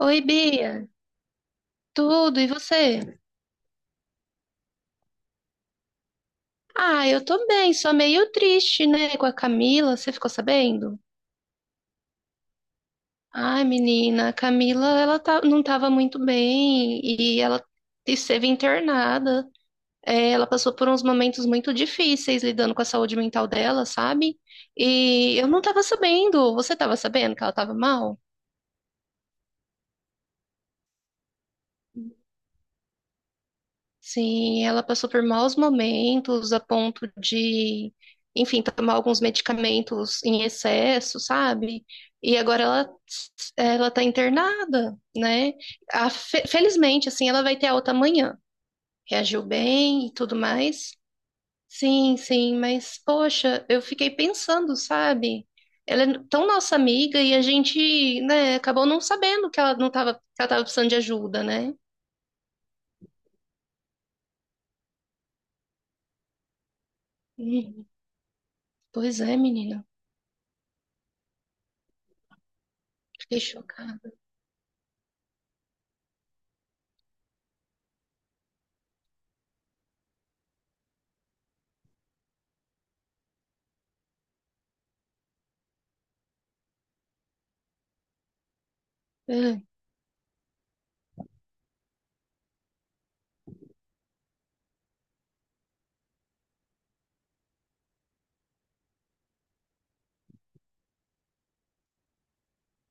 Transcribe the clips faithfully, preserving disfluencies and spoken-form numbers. Oi, Bia. Tudo, e você? Ah, eu tô bem, só meio triste, né, com a Camila, você ficou sabendo? Ai, menina, a Camila, ela tá, não tava muito bem e ela esteve internada. É, ela passou por uns momentos muito difíceis lidando com a saúde mental dela, sabe? E eu não tava sabendo, você tava sabendo que ela tava mal? Sim, ela passou por maus momentos a ponto de, enfim, tomar alguns medicamentos em excesso, sabe? E agora ela, ela tá internada, né? A fe- felizmente, assim, ela vai ter alta amanhã. Reagiu bem e tudo mais. Sim, sim, mas poxa, eu fiquei pensando, sabe? Ela é tão nossa amiga e a gente, né, acabou não sabendo que ela não tava, que ela tava precisando de ajuda, né? Hum, pois é, menina. Fiquei chocada. Ah,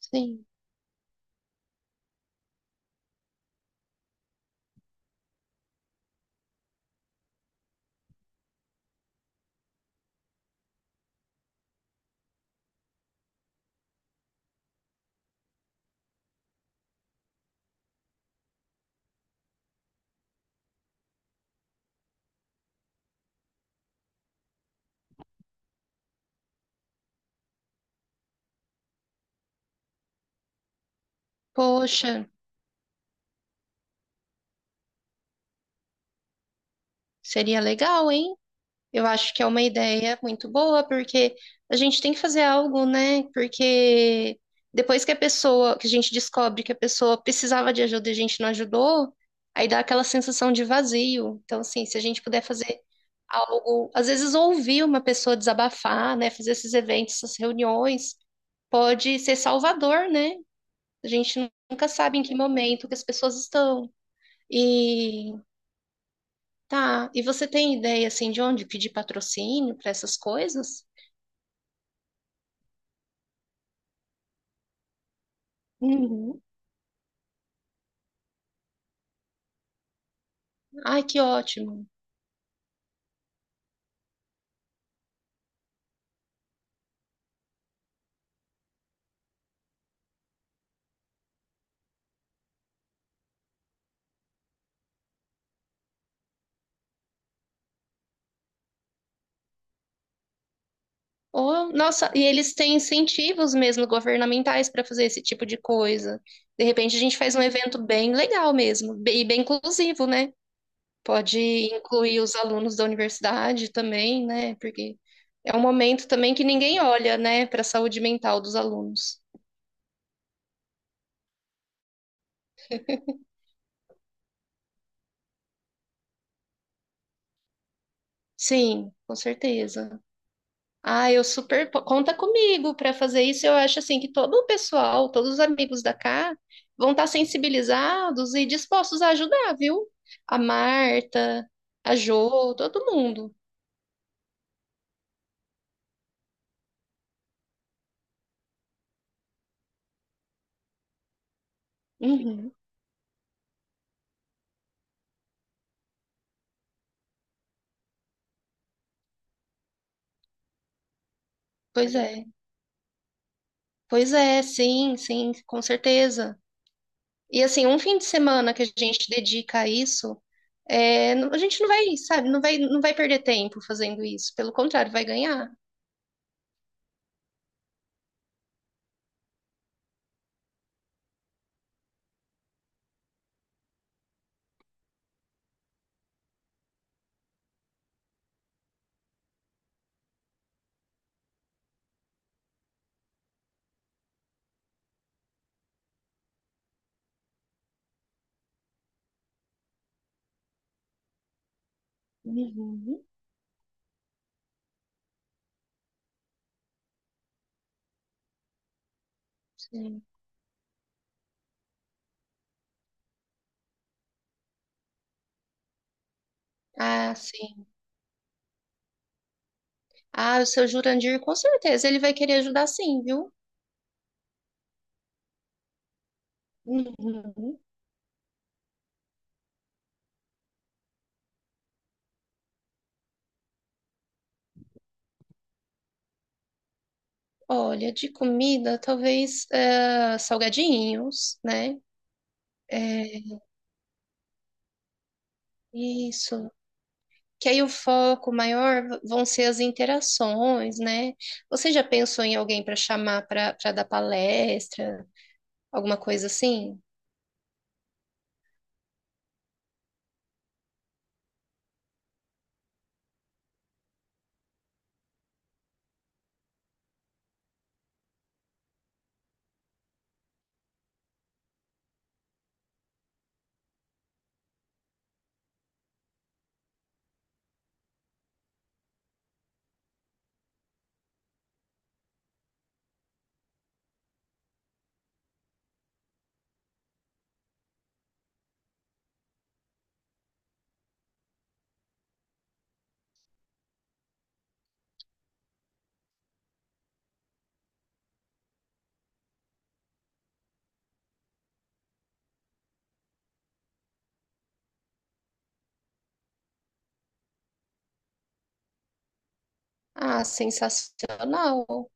sim. Poxa, seria legal, hein? Eu acho que é uma ideia muito boa, porque a gente tem que fazer algo, né? Porque depois que a pessoa, que a gente descobre que a pessoa precisava de ajuda e a gente não ajudou, aí dá aquela sensação de vazio. Então, assim, se a gente puder fazer algo, às vezes ouvir uma pessoa desabafar, né? Fazer esses eventos, essas reuniões, pode ser salvador, né? A gente nunca sabe em que momento que as pessoas estão. E tá. E você tem ideia assim de onde pedir patrocínio para essas coisas? Uhum. Ai, que ótimo. Ou, nossa, e eles têm incentivos mesmo governamentais para fazer esse tipo de coisa. De repente a gente faz um evento bem legal mesmo, bem- e bem inclusivo, né? Pode incluir os alunos da universidade também, né? Porque é um momento também que ninguém olha, né, para a saúde mental dos alunos. Sim, com certeza. Ah, eu super po- conta comigo para fazer isso. Eu acho assim que todo o pessoal, todos os amigos da cá vão estar sensibilizados e dispostos a ajudar, viu? A Marta, a Jo, todo mundo. Uhum. Pois é. Pois é, sim, sim, com certeza. E assim, um fim de semana que a gente dedica a isso, é, não- a gente não vai, sabe, não vai, não vai perder tempo fazendo isso. Pelo contrário, vai ganhar. Uhum. Sim. Ah, sim. Ah, o seu Jurandir, com certeza, ele vai querer ajudar sim, viu? Uhum. Olha, de comida, talvez eh, salgadinhos, né? É, isso. Que aí o foco maior v- vão ser as interações, né? Você já pensou em alguém para chamar para para dar palestra, alguma coisa assim? Ah, sensacional.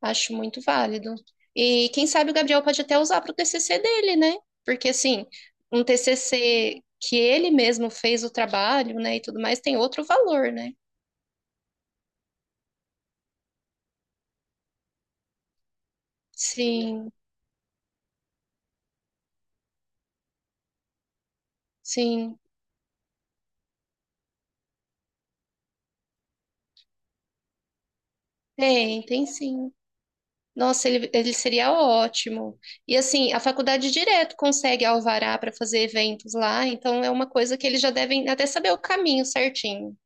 Acho muito válido. E quem sabe o Gabriel pode até usar para o T C C dele, né? Porque, assim, um T C C que ele mesmo fez o trabalho, né, e tudo mais, tem outro valor, né? Sim, sim. Tem, tem sim. Nossa, ele, ele seria ótimo. E, assim, a faculdade direto consegue alvará para fazer eventos lá, então é uma coisa que eles já devem até saber o caminho certinho.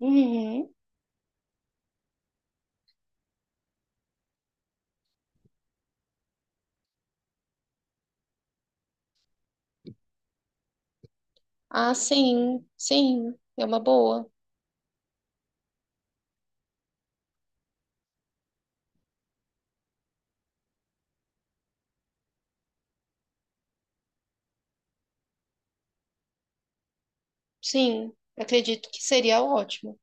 Uhum. Ah, sim, sim. É uma boa. Sim, acredito que seria ótimo.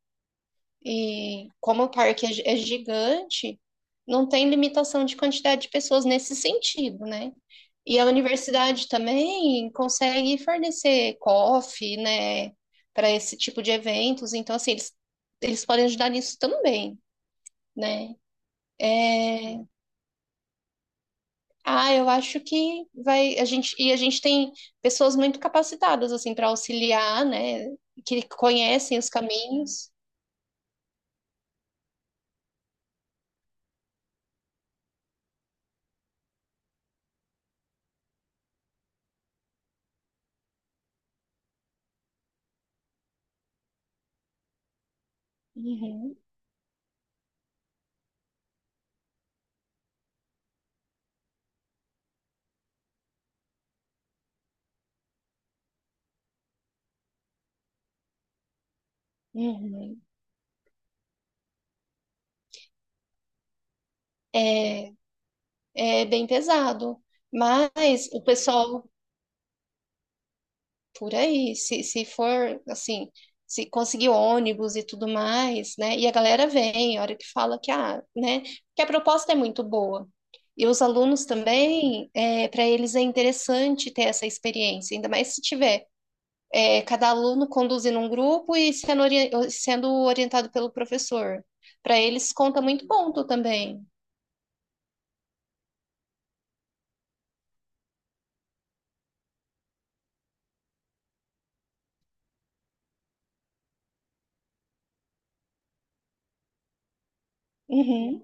E como o parque é gi- é gigante, não tem limitação de quantidade de pessoas nesse sentido, né? E a universidade também consegue fornecer coffee, né, para esse tipo de eventos. Então, assim, eles, eles podem ajudar nisso também, né? É, ah, eu acho que vai a gente e a gente tem pessoas muito capacitadas assim para auxiliar, né? Que conhecem os caminhos. Uhum, uhum. É, é bem pesado. Mas o pessoal por aí, se, se for assim, se conseguir ônibus e tudo mais, né? E a galera vem, a hora que fala que, ah, né? Que a proposta é muito boa. E os alunos também, para eles é interessante ter essa experiência, ainda mais se tiver é, cada aluno conduzindo um grupo e sendo, ori- sendo orientado pelo professor. Para eles conta muito ponto também. Uhum.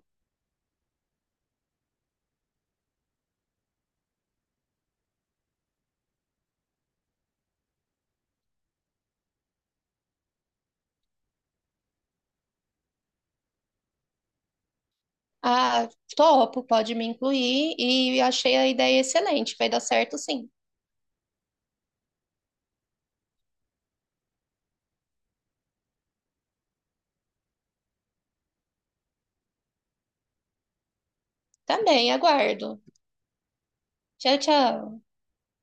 Ah, topo, pode me incluir e achei a ideia excelente. Vai dar certo, sim. Também, aguardo. Tchau, tchau.